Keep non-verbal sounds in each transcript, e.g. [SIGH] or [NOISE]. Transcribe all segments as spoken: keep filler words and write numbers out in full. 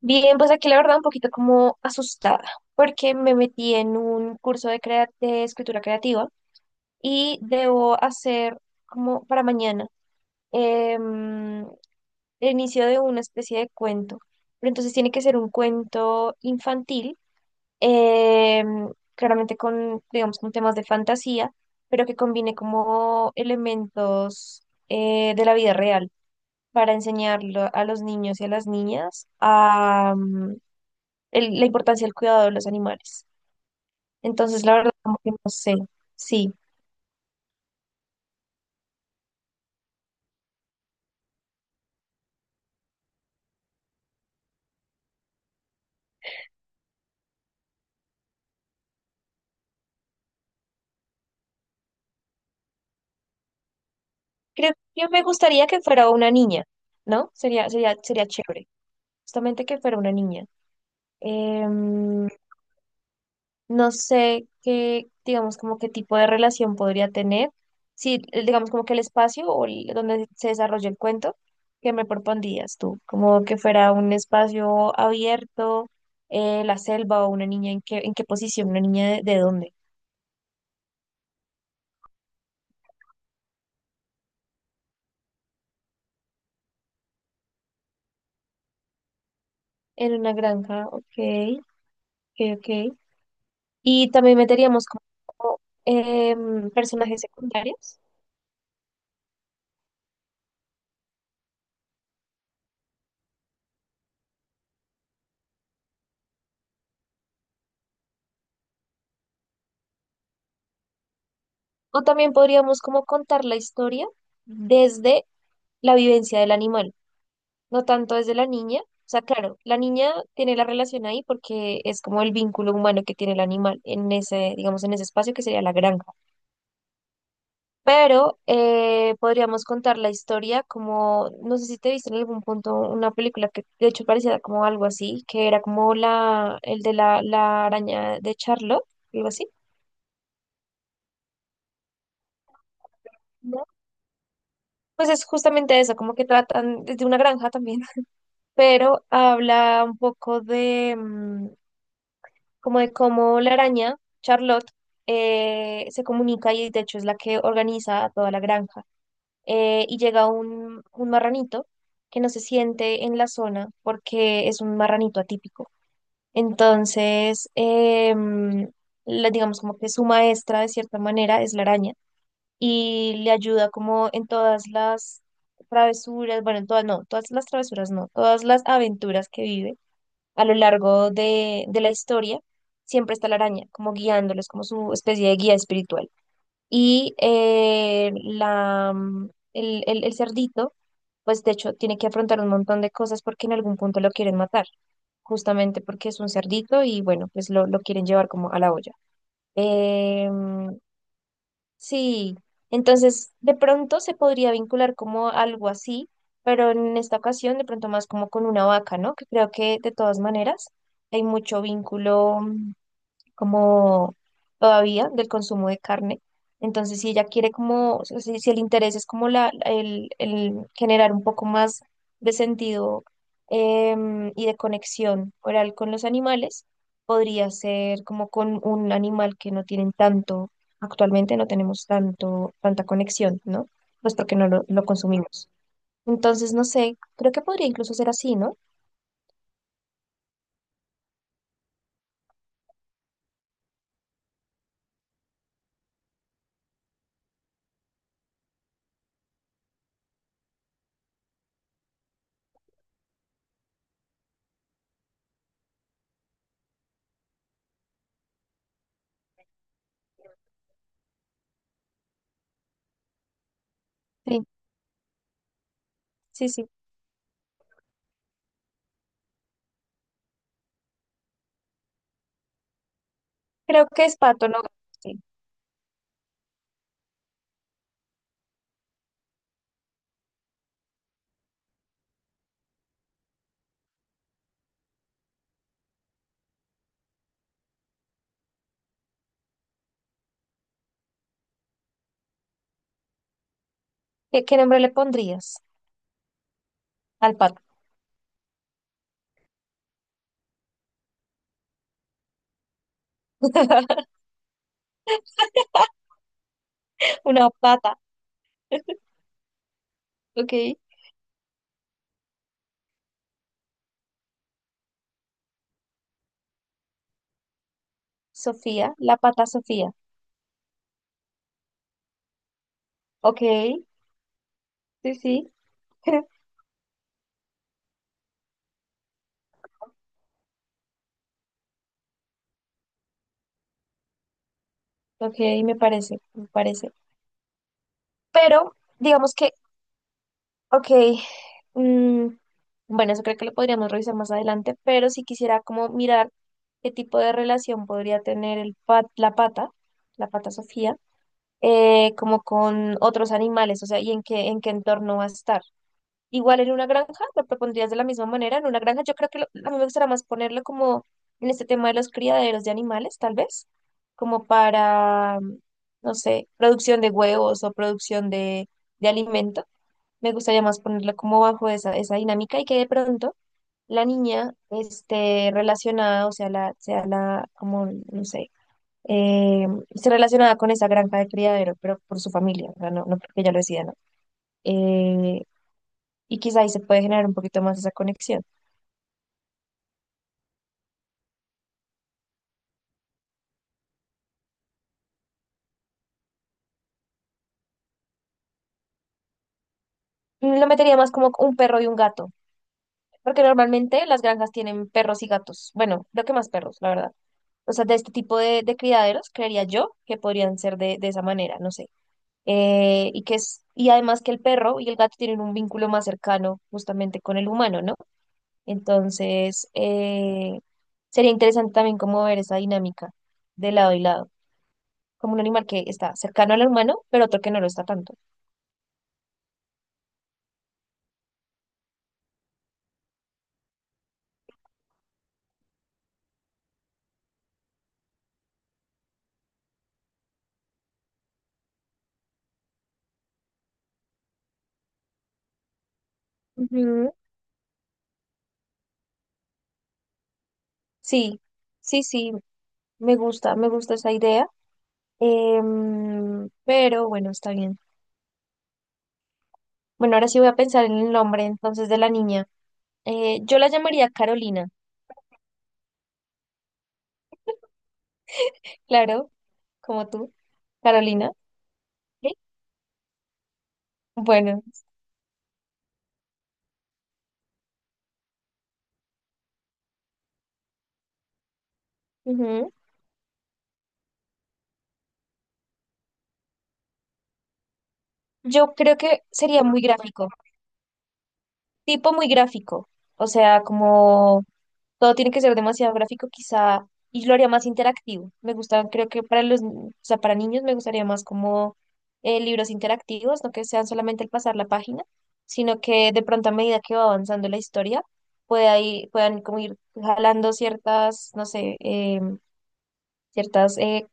Bien, pues aquí la verdad un poquito como asustada, porque me metí en un curso de, crea- de escritura creativa y debo hacer como para mañana em, el inicio de una especie de cuento, pero entonces tiene que ser un cuento infantil, em, claramente con, digamos, con temas de fantasía, pero que combine como elementos eh, de la vida real para enseñarlo a los niños y a las niñas el- la importancia del cuidado de los animales. Entonces, la verdad, como que no sé. Sí, creo que me gustaría que fuera una niña, ¿no? Sería, sería, sería chévere, justamente que fuera una niña. Em, no sé qué, digamos, como qué tipo de relación podría tener. Sí, el- digamos, como que el espacio o el- donde se desarrolla el cuento, ¿qué me propondrías tú? Como que fuera un espacio abierto, eh, la selva o una niña, ¿en qué, en qué posición? ¿Una niña de de dónde? En una granja, ok. Ok, ok. Y también meteríamos como em, personajes secundarios. O también podríamos como contar la historia desde la vivencia del animal, no tanto desde la niña. O sea, claro, la niña tiene la relación ahí porque es como el vínculo humano que tiene el animal en ese, digamos, en ese espacio que sería la granja. Pero eh, podríamos contar la historia como, no sé si te viste en algún punto una película que de hecho parecía como algo así, que era como la, el de la, la araña de Charlotte, algo así. ¿No? Pues es justamente eso, como que tratan desde una granja también, [LAUGHS] pero habla un poco de mm, como de cómo la araña, Charlotte, eh, se comunica y de hecho es la que organiza a toda la granja. Eh, y llega un, un marranito que no se siente en la zona porque es un marranito atípico. Entonces, em, la- digamos como que su maestra de cierta manera es la araña y le ayuda como en todas las travesuras, bueno, en todas, no, todas las travesuras no, todas las aventuras que vive a lo largo de, de la historia, siempre está la araña como guiándolos como su especie de guía espiritual. Y eh, la, mm, el, el, el cerdito, pues de hecho, tiene que afrontar un montón de cosas porque en algún punto lo quieren matar, justamente porque es un cerdito y bueno, pues lo, lo quieren llevar como a la olla. Em, sí, entonces de pronto se podría vincular como algo así, pero en esta ocasión de pronto más como con una vaca, ¿no? Que creo que de todas maneras hay mucho vínculo como todavía del consumo de carne. Entonces, si ella quiere como, o sea, si, si el interés es como la, el, el generar un poco más de sentido em, y de conexión oral con los animales, podría ser como con un animal que no tienen tanto, actualmente no tenemos tanto, tanta conexión, ¿no? Pues porque no lo, lo consumimos. Entonces, no sé, creo que podría incluso ser así, ¿no? Sí, sí, sí. Creo que es pato, ¿no? Sí. ¿Qué, qué nombre le pondrías al pato? [LAUGHS] Una pata, ok. Sofía, la pata Sofía, ok. Sí, sí, [LAUGHS] ok, me parece, me parece. Pero, digamos que, ok, mm, bueno, eso creo que lo podríamos revisar más adelante, pero si quisiera como mirar qué tipo de relación podría tener el pat- la pata, la pata Sofía, eh, como con otros animales, o sea, y en qué, en qué entorno va a estar. Igual en una granja, lo propondrías de la misma manera. En una granja, yo creo que lo- a mí me gustaría más ponerlo como en este tema de los criaderos de animales, tal vez, como para, mm, no sé, producción de huevos o producción de, de alimento. Me gustaría más ponerlo como bajo esa, esa dinámica y que de pronto la niña esté relacionada, o sea, la, sea la, como, no sé, eh, esté relacionada con esa granja de criadero, pero por su familia, o sea, no, no porque ella lo decida, ¿no? Eh, y quizá ahí se puede generar un poquito más esa conexión. Mm, Lo metería más como un perro y un gato, porque normalmente las granjas tienen perros y gatos. Bueno, creo que más perros, la verdad. O sea, de este tipo de, de criaderos, creería yo que podrían ser de, de esa manera, no sé. Eh, y que es, y además que el perro y el gato tienen un vínculo más cercano justamente con el humano, ¿no? Entonces, eh, sería interesante también como ver esa dinámica de lado y lado, como un animal que está cercano al humano, pero otro que no lo está tanto. Ujú. Sí, sí, sí, me gusta, me gusta esa idea. Em, pero bueno, está bien. Bueno, ahora sí voy a pensar en el nombre entonces de la niña. Eh, yo la llamaría Carolina, claro, como tú, Carolina. ¿Sí? Bueno, ujú. Yo creo que sería muy gráfico, tipo muy gráfico, o sea, como todo tiene que ser demasiado gráfico, quizá, y lo haría más interactivo. Me gusta, creo que para los, ni- o sea, para niños me gustaría más como eh, libros interactivos, no que sean solamente el pasar la página, sino que de pronto a medida que va avanzando la historia, pueda ir- puedan como ir jalando ciertas, no sé, eh, ciertas eh,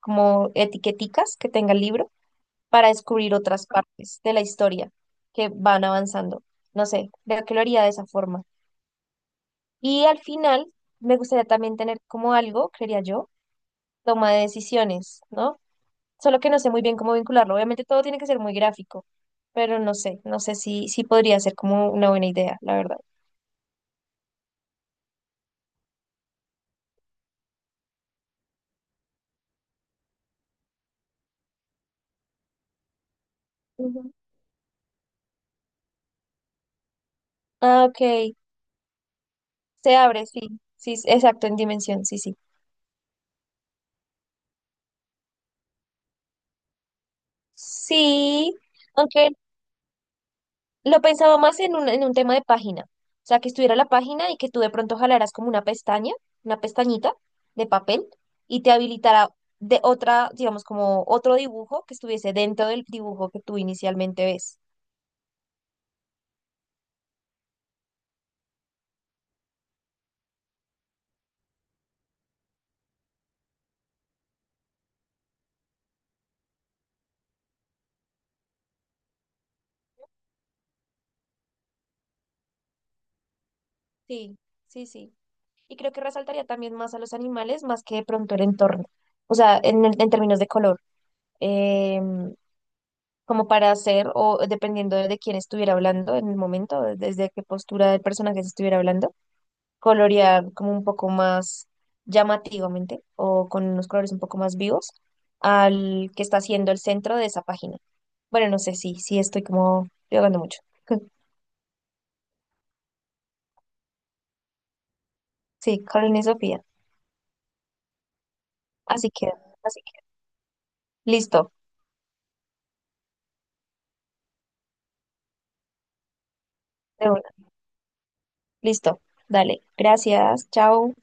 como etiqueticas que tenga el libro para descubrir otras partes de la historia que van avanzando. No sé, creo que lo haría de esa forma. Y al final, me gustaría también tener como algo, creería yo, toma de decisiones, ¿no? Solo que no sé muy bien cómo vincularlo. Obviamente todo tiene que ser muy gráfico, pero no sé, no sé si, si podría ser como una buena idea, la verdad. Ujú. Ah, ok. Se abre, sí. Sí, s- exacto, en dimensión, sí, sí. Sí, aunque lo pensaba más en un, en un tema de página. O sea, que estuviera la página y que tú de pronto jalaras como una pestaña, una pestañita de papel y te habilitara de otra, digamos, como otro dibujo que estuviese dentro del dibujo que tú inicialmente ves. Sí, sí, sí. Y creo que resaltaría también más a los animales más que de pronto el entorno. O sea, en, el- en términos de color. Em, como para hacer, o dependiendo de quién estuviera hablando en el momento, desde qué postura del personaje se estuviera hablando colorear como un poco más llamativamente o con unos colores un poco más vivos al que está siendo el centro de esa página. Bueno, no sé si sí, sí estoy como divagando mucho. [LAUGHS] Sí, Karen y Sofía. Así queda, así queda. Listo, de una, listo. Dale, gracias, chao.